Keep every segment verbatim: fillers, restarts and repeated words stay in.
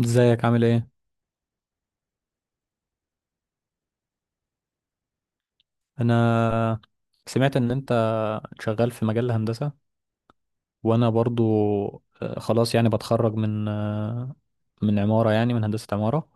ازيك، عامل ايه؟ انا سمعت ان انت شغال في مجال الهندسة، وانا برضو. آه، خلاص، يعني بتخرج من آه، من عمارة، يعني من هندسة عمارة.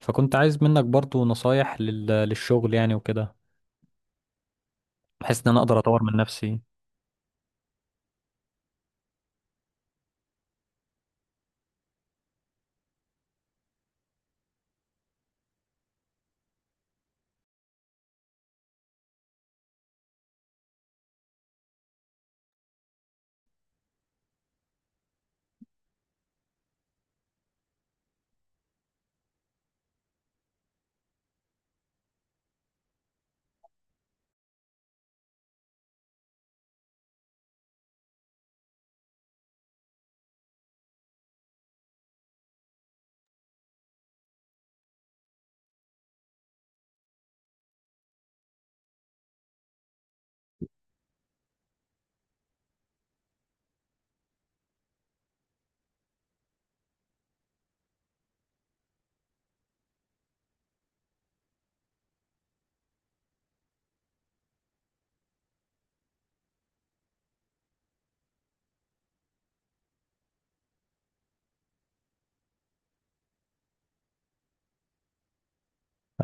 فكنت عايز منك برضو نصايح لل- للشغل يعني وكده، بحيث ان انا اقدر اطور من نفسي.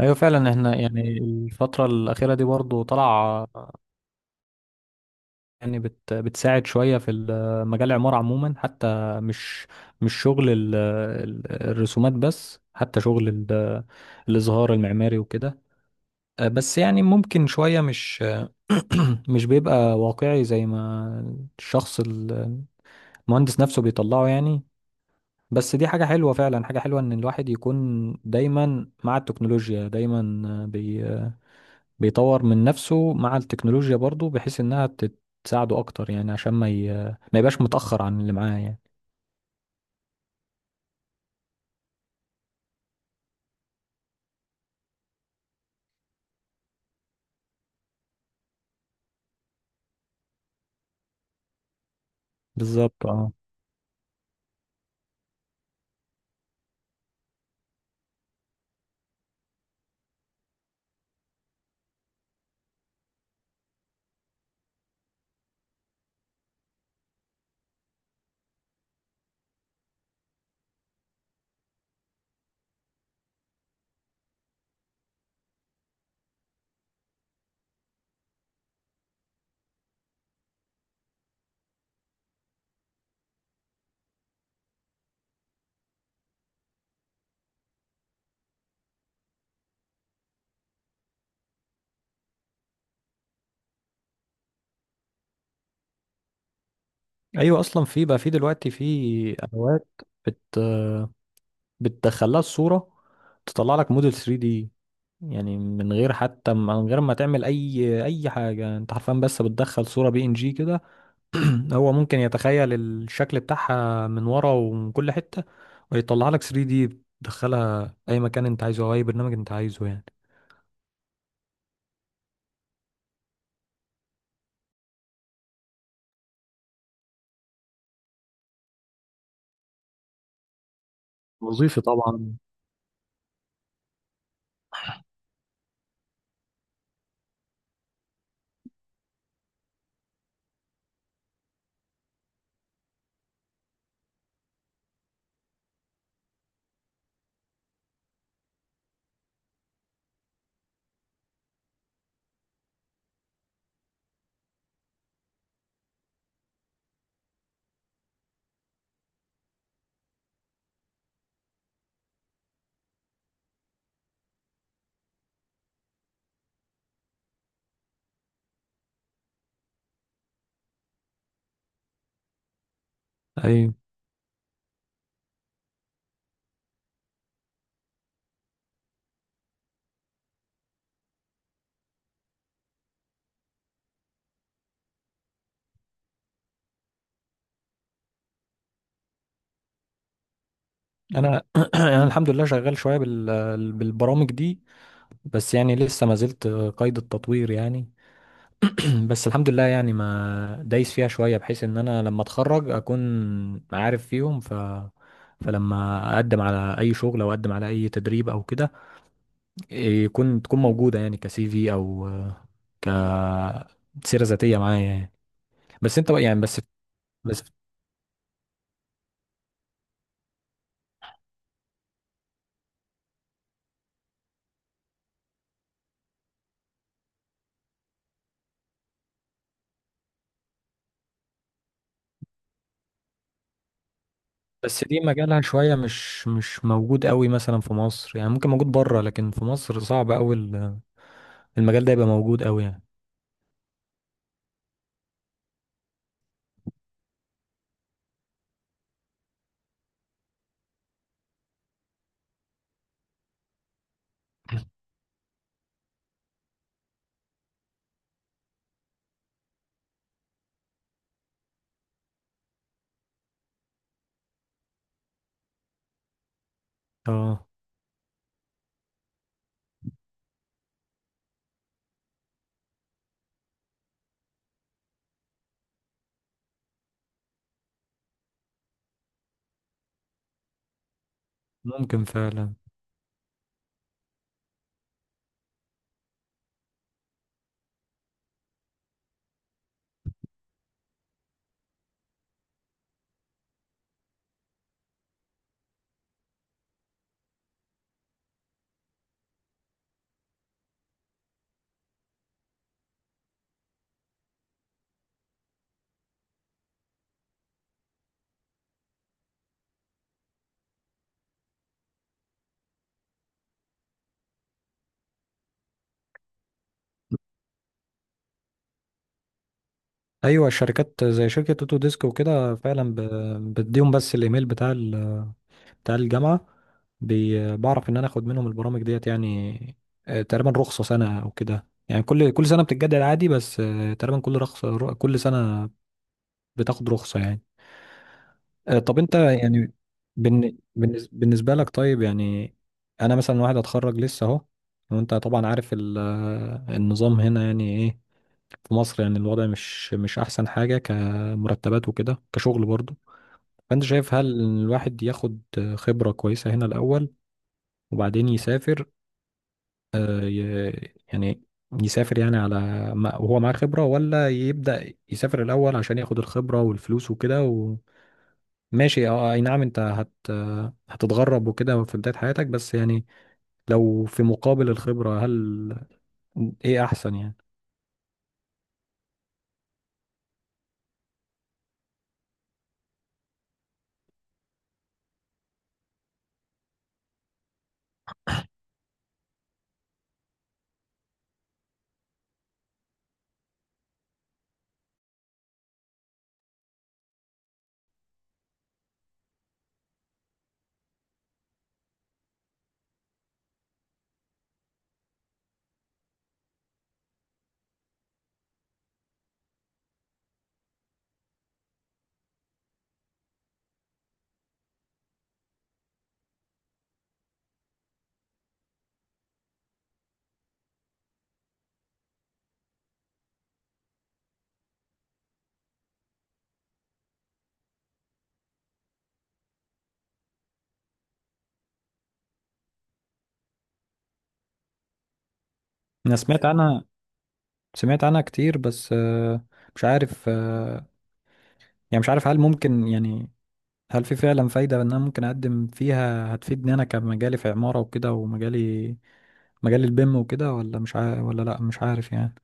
ايوه فعلا، احنا يعني الفترة الأخيرة دي برضو طلع، يعني بت بتساعد شوية في ال- مجال العمارة عموما، حتى مش مش شغل ال- ال- الرسومات بس، حتى شغل ال- الإظهار المعماري وكده. آه، بس يعني ممكن شوية مش مش بيبقى واقعي زي ما الشخص ال- المهندس نفسه بيطلعه يعني. بس دي حاجة حلوة فعلا، حاجة حلوة إن الواحد يكون دايما مع التكنولوجيا، دايما آه، بي آه، بيطور من نفسه مع التكنولوجيا برضو، بحيث إنها تت- تساعده أكتر، يعني عشان ما ي... ما يبقاش متأخر عن اللي معاه يعني. بالظبط، اه. أيوة، أصلا في بقى، في دلوقتي في أدوات بت بتدخلها الصورة تطلع لك موديل ثري دي، يعني من غير حتى، من غير ما تعمل اي اي حاجة، انت حرفيا بس بتدخل صورة بي ان جي كده. هو ممكن يتخيل الشكل بتاعها من ورا ومن كل حتة ويطلع لك ثري دي، بتدخلها اي مكان انت عايزه او اي برنامج انت عايزه يعني. وظيفي طبعا. ايوه، انا انا الحمد لله شغال شويه بال... بالبرامج دي، بس يعني لسه ما زلت قيد التطوير يعني. بس الحمد لله يعني ما دايس فيها شوية، بحيث ان انا لما اتخرج اكون عارف فيهم. ف فلما اقدم على اي شغل او اقدم على اي تدريب او كده، يكون تكون موجودة يعني كسي في، او ك سيرة ذاتية معايا يعني. بس انت بقى- يعني، بس بس بس دي مجالها شوية، مش مش موجود قوي مثلا في مصر، يعني ممكن موجود بره لكن في مصر صعب قوي ال- المجال ده يبقى موجود قوي يعني. اه، ممكن فعلا. ايوه شركات زي شركه اوتو ديسك وكده، فعلا ب- بديهم بس الايميل بتاع ال- بتاع الجامعه، بي- بعرف ان انا اخد منهم البرامج ديت يعني. آه، تقريبا رخصه سنه او كده، يعني كل كل سنه بتتجدد عادي، بس آه، تقريبا كل رخصه ر- كل سنه بتاخد رخصه يعني. آه، طب انت يعني بالن- بالنس- بالنسبه لك، طيب يعني انا مثلا واحد اتخرج لسه اهو، وانت طبعا عارف ال- آه، النظام هنا يعني ايه في مصر. يعني الوضع مش مش احسن حاجة، كمرتبات وكده، كشغل برضه. فانت شايف، هل إن الواحد ياخد خبرة كويسة هنا الاول وبعدين يسافر، آه، ي- يعني يسافر يعني على ما وهو معاه خبرة، ولا يبدأ يسافر الأول عشان ياخد الخبرة والفلوس وكده؟ وماشي، اه اي نعم انت هت هتتغرب وكده في بداية حياتك، بس يعني لو في مقابل الخبرة، هل ايه احسن يعني؟ انا سمعت عنها، سمعت عنها كتير، بس آه، مش عارف، آه، يعني مش عارف هل ممكن يعني، هل في فعلا فايدة ان انا ممكن اقدم فيها؟ هتفيدني انا كمجالي في عمارة وكده، ومجالي مجال البيم وكده، ولا مش عارف، ولا لا مش عارف يعني.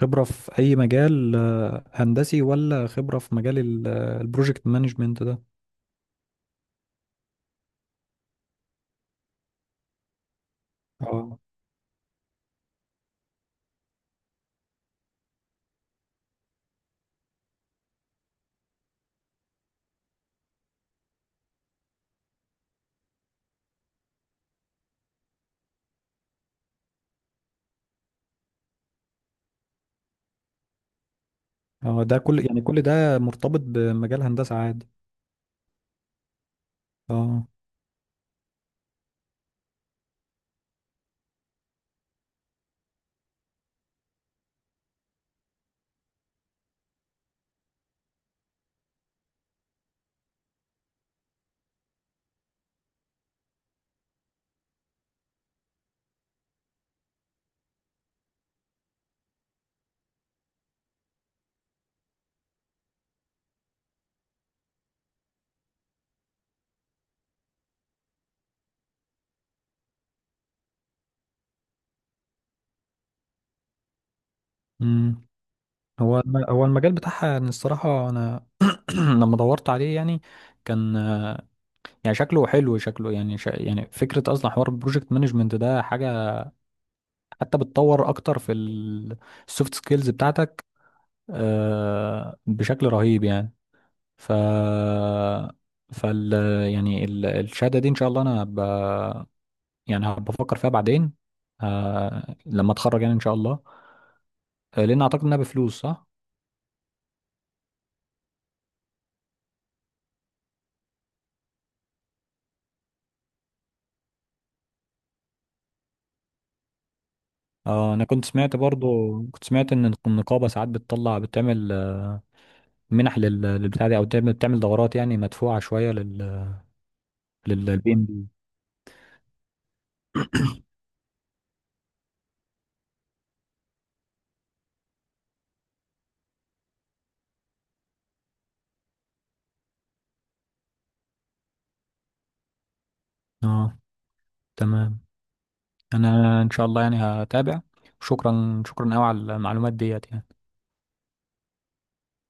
خبرة في اي مجال آه، هندسي، ولا خبرة في مجال ال- آه، البروجكت مانجمنت ده؟ اه. اه، ده كل يعني كل ده مرتبط بمجال هندسة عادي؟ اه. امم. هو الم- هو المجال بتاعها، يعني الصراحة انا لما دورت عليه يعني، كان يعني شكله حلو، شكله يعني شا... يعني فكرة، أصلا حوار البروجكت مانجمنت ده حاجة حتى بتطور أكتر في السوفت سكيلز بتاعتك آه، بشكل رهيب يعني. ف فال يعني ال- الشهادة دي، إن شاء الله أنا ب... يعني هبقى بفكر فيها بعدين، آه، لما أتخرج يعني إن شاء الله. آه، لأن أعتقد إنها بفلوس، صح؟ اه، انا كنت سمعت برضو، كنت سمعت ان النقابه ساعات بتطلع بتعمل منح لل- للبتاع دي، او بتعمل، بتعمل دورات يعني مدفوعه شويه لل للبي ام بي. اه، تمام. انا ان شاء الله يعني هتابع. شكرا شكرا قوي على المعلومات ديت يعني.